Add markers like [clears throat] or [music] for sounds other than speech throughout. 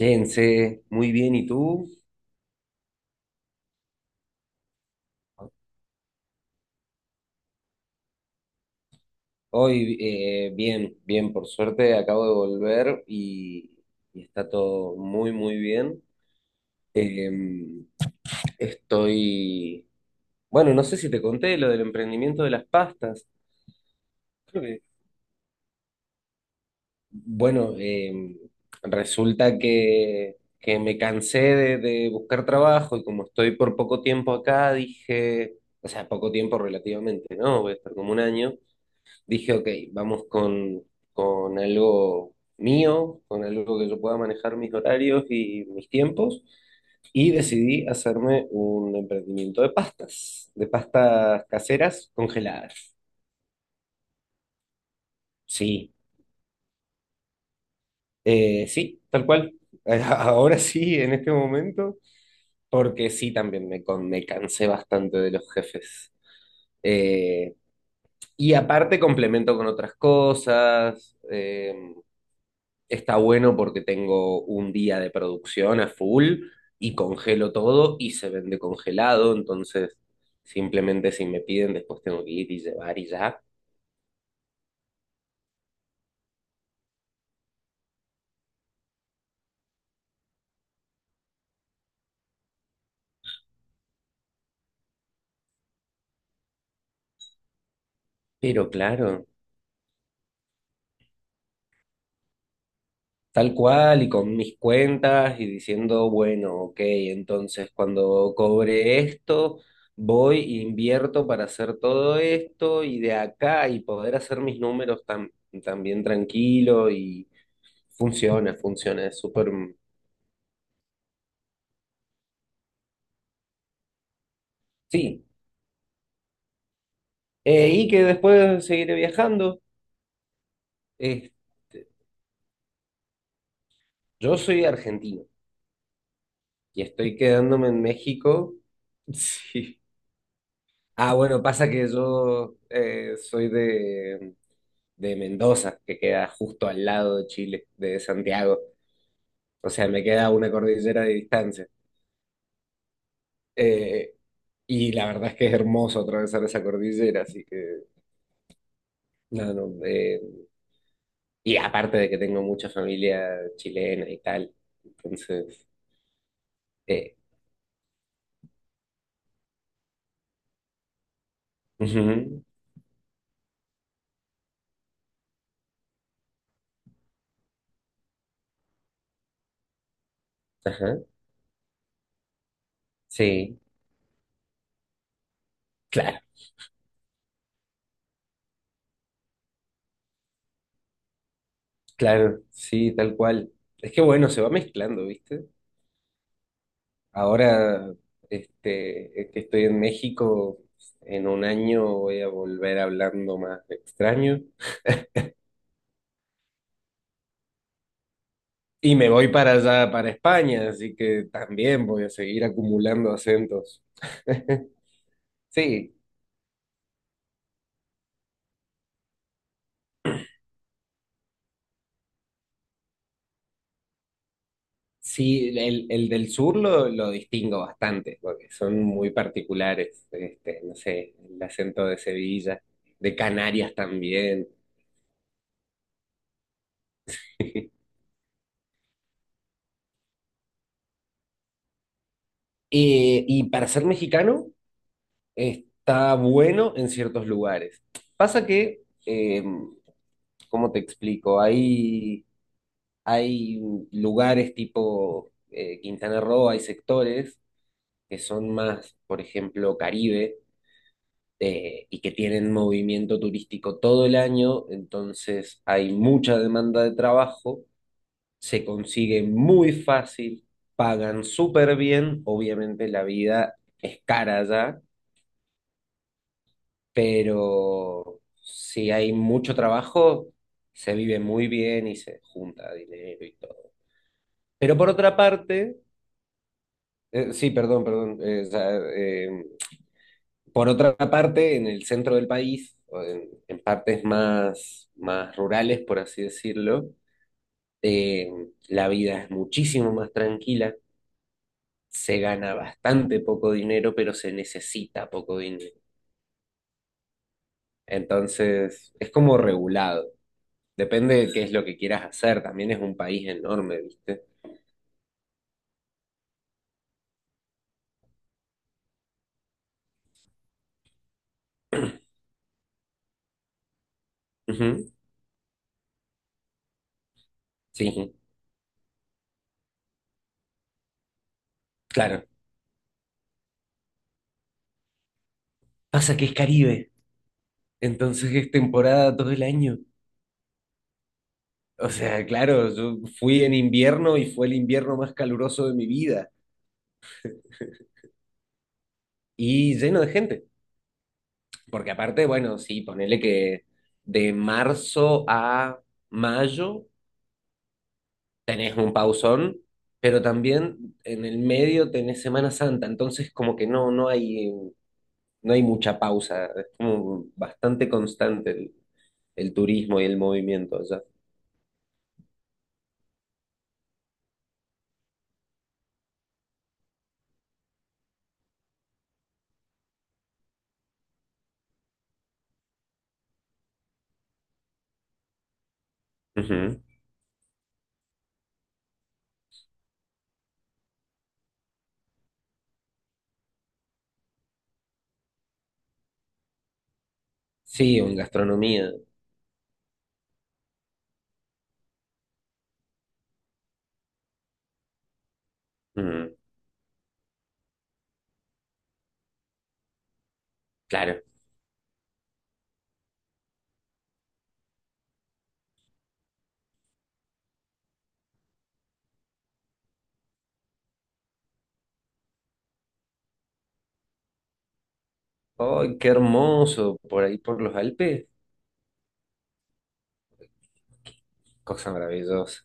Jense, muy bien, ¿y tú? Hoy bien, bien, por suerte acabo de volver y está todo muy, muy bien. Eh, estoy, bueno, no sé si te conté lo del emprendimiento de las pastas. Creo que, bueno, resulta que, me cansé de buscar trabajo y como estoy por poco tiempo acá, dije, o sea, poco tiempo relativamente, ¿no? Voy a estar como un año. Dije, ok, vamos con algo mío, con algo que yo pueda manejar mis horarios y mis tiempos, y decidí hacerme un emprendimiento de pastas caseras congeladas. Sí, sí, tal cual. [laughs] Ahora sí, en este momento, porque sí, también me, me cansé bastante de los jefes. Eh, y aparte complemento con otras cosas. Está bueno porque tengo un día de producción a full y congelo todo y se vende congelado, entonces simplemente si me piden después tengo que ir y llevar y ya. Pero claro, tal cual y con mis cuentas y diciendo, bueno, ok, entonces cuando cobre esto, voy e invierto para hacer todo esto y de acá y poder hacer mis números tan, también tranquilo y funciona, funciona, es súper... Sí, y que después seguiré viajando. Este, yo soy argentino y estoy quedándome en México. [laughs] Sí. Ah, bueno, pasa que yo soy de Mendoza, que queda justo al lado de Chile, de Santiago. O sea, me queda una cordillera de distancia. Eh, y la verdad es que es hermoso atravesar esa cordillera, así que, no, no, y aparte de que tengo mucha familia chilena y tal, entonces, eh, ujú. Ajá. Sí, claro, claro, sí, tal cual. Es que bueno, se va mezclando, ¿viste? Ahora, este, es que estoy en México, en un año voy a volver hablando más extraño. Y me voy para allá, para España, así que también voy a seguir acumulando acentos. [laughs] Sí, sí, el del sur lo distingo bastante, porque son muy particulares, este, no sé, el acento de Sevilla, de Canarias también. [laughs] Y para ser mexicano está bueno en ciertos lugares. Pasa que, ¿cómo te explico? Hay lugares tipo Quintana Roo, hay sectores que son más, por ejemplo, Caribe, y que tienen movimiento turístico todo el año, entonces hay mucha demanda de trabajo, se consigue muy fácil, pagan súper bien, obviamente la vida es cara allá pero si hay mucho trabajo, se vive muy bien y se junta dinero y todo. Pero por otra parte, sí, perdón, perdón, o sea, por otra parte, en el centro del país, o en partes más, más rurales, por así decirlo, eh, la vida es muchísimo más tranquila, se gana bastante poco dinero, pero se necesita poco dinero. Entonces, es como regulado. Depende de qué es lo que quieras hacer, también es un país enorme, ¿viste? [clears throat] Ujú, sí, claro. Pasa que es Caribe, entonces es temporada todo el año. O sea, claro, yo fui en invierno y fue el invierno más caluroso de mi vida y lleno de gente. Porque aparte, bueno, sí, ponele que de marzo a mayo tenés un pausón, pero también en el medio tenés Semana Santa, entonces como que no, no hay mucha pausa, es como bastante constante el turismo y el movimiento allá. Ujú, sí, o en gastronomía. Ujú, claro. ¡Ay, qué hermoso! Por ahí por los Alpes, cosa maravillosa.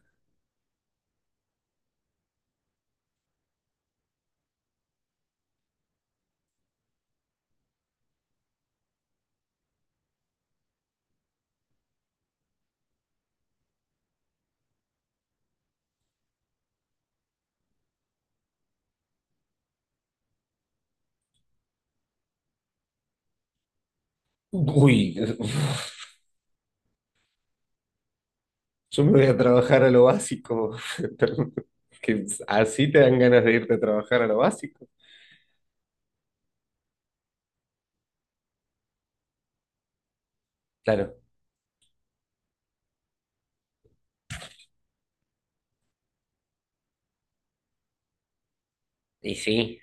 Uy, [laughs] yo me voy a trabajar a lo básico. [laughs] Que así te dan ganas de irte a trabajar a lo básico. Claro. Y sí.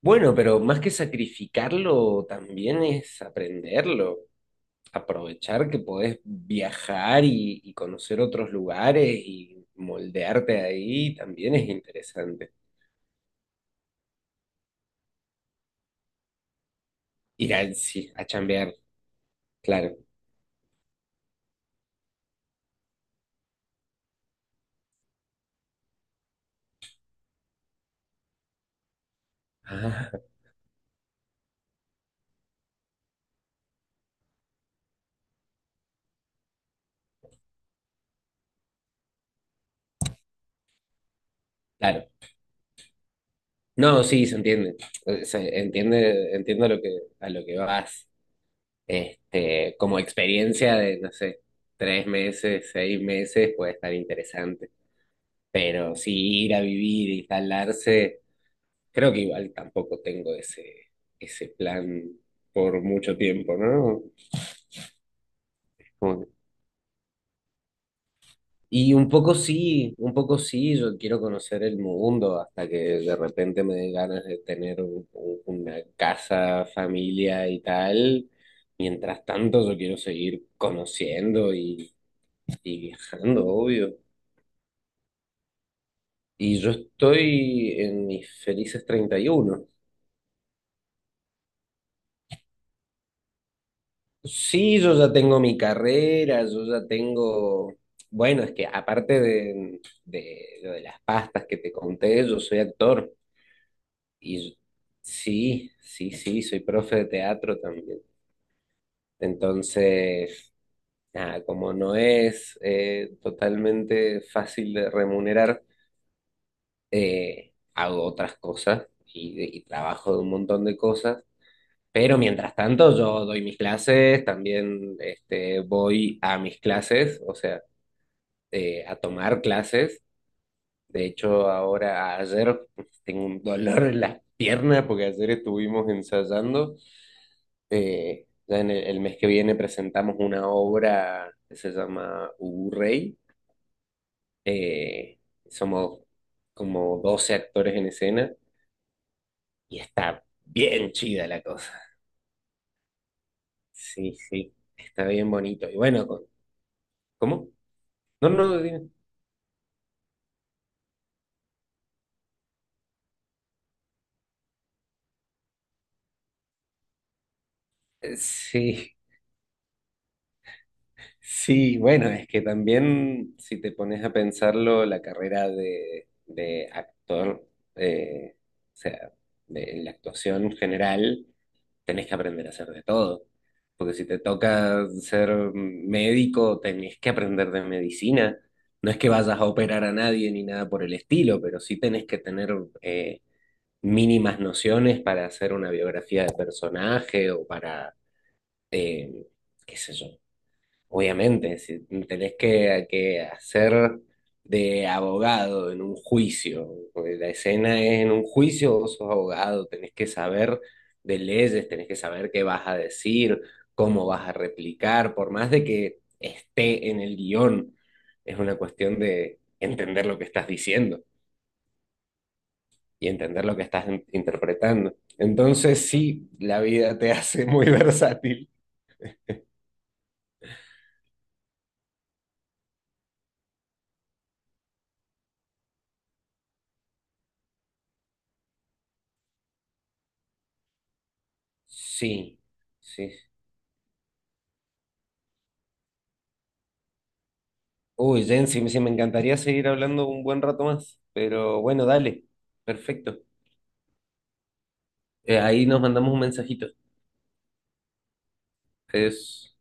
Bueno, pero más que sacrificarlo, también es aprenderlo. Aprovechar que podés viajar y conocer otros lugares y moldearte ahí también es interesante. Ir al, sí, a chambear, claro. Ah, claro. No, sí, se entiende. Se entiende, entiendo a lo que vas. Este, como experiencia de, no sé, tres meses, seis meses puede estar interesante. Pero sí, ir a vivir, instalarse. Creo que igual tampoco tengo ese, ese plan por mucho tiempo, ¿no? Como que- Y un poco sí, yo quiero conocer el mundo hasta que de repente me den ganas de tener una casa, familia y tal. Mientras tanto, yo quiero seguir conociendo y viajando, obvio. Y yo estoy en mis felices 31. Sí, yo ya tengo mi carrera, yo ya tengo, bueno, es que aparte de lo de las pastas que te conté, yo soy actor y sí, sí, sí, soy profe de teatro también. Entonces, nada, como no es totalmente fácil de remunerar, hago otras cosas y trabajo de un montón de cosas. Pero mientras tanto, yo doy mis clases, también este, voy a mis clases, o sea, a tomar clases. De hecho, ahora ayer pues, tengo un dolor en las piernas porque ayer estuvimos ensayando. Ya en el mes que viene presentamos una obra que se llama Urrey. Eh, somos como 12 actores en escena y está bien chida la cosa. Sí, sí, está bien bonito. Y bueno, con- ¿cómo? No, no, dime. Sí, sí, bueno, es que también si te pones a pensarlo, la carrera de actor, eh, o sea, de la actuación general, tenés que aprender a hacer de todo. Porque si te toca ser médico, tenés que aprender de medicina. No es que vayas a operar a nadie ni nada por el estilo, pero sí tenés que tener eh, mínimas nociones para hacer una biografía de personaje o para, eh, qué sé yo. Obviamente, si tenés que hacer de abogado en un juicio, porque la escena es en un juicio, vos sos abogado, tenés que saber de leyes, tenés que saber qué vas a decir, cómo vas a replicar, por más de que esté en el guión, es una cuestión de entender lo que estás diciendo y entender lo que estás interpretando. Entonces, sí, la vida te hace muy [laughs] versátil. Sí, sí, uy, Jen, sí, sí me encantaría seguir hablando un buen rato más, pero bueno, dale, perfecto. Ahí nos mandamos un mensajito. Es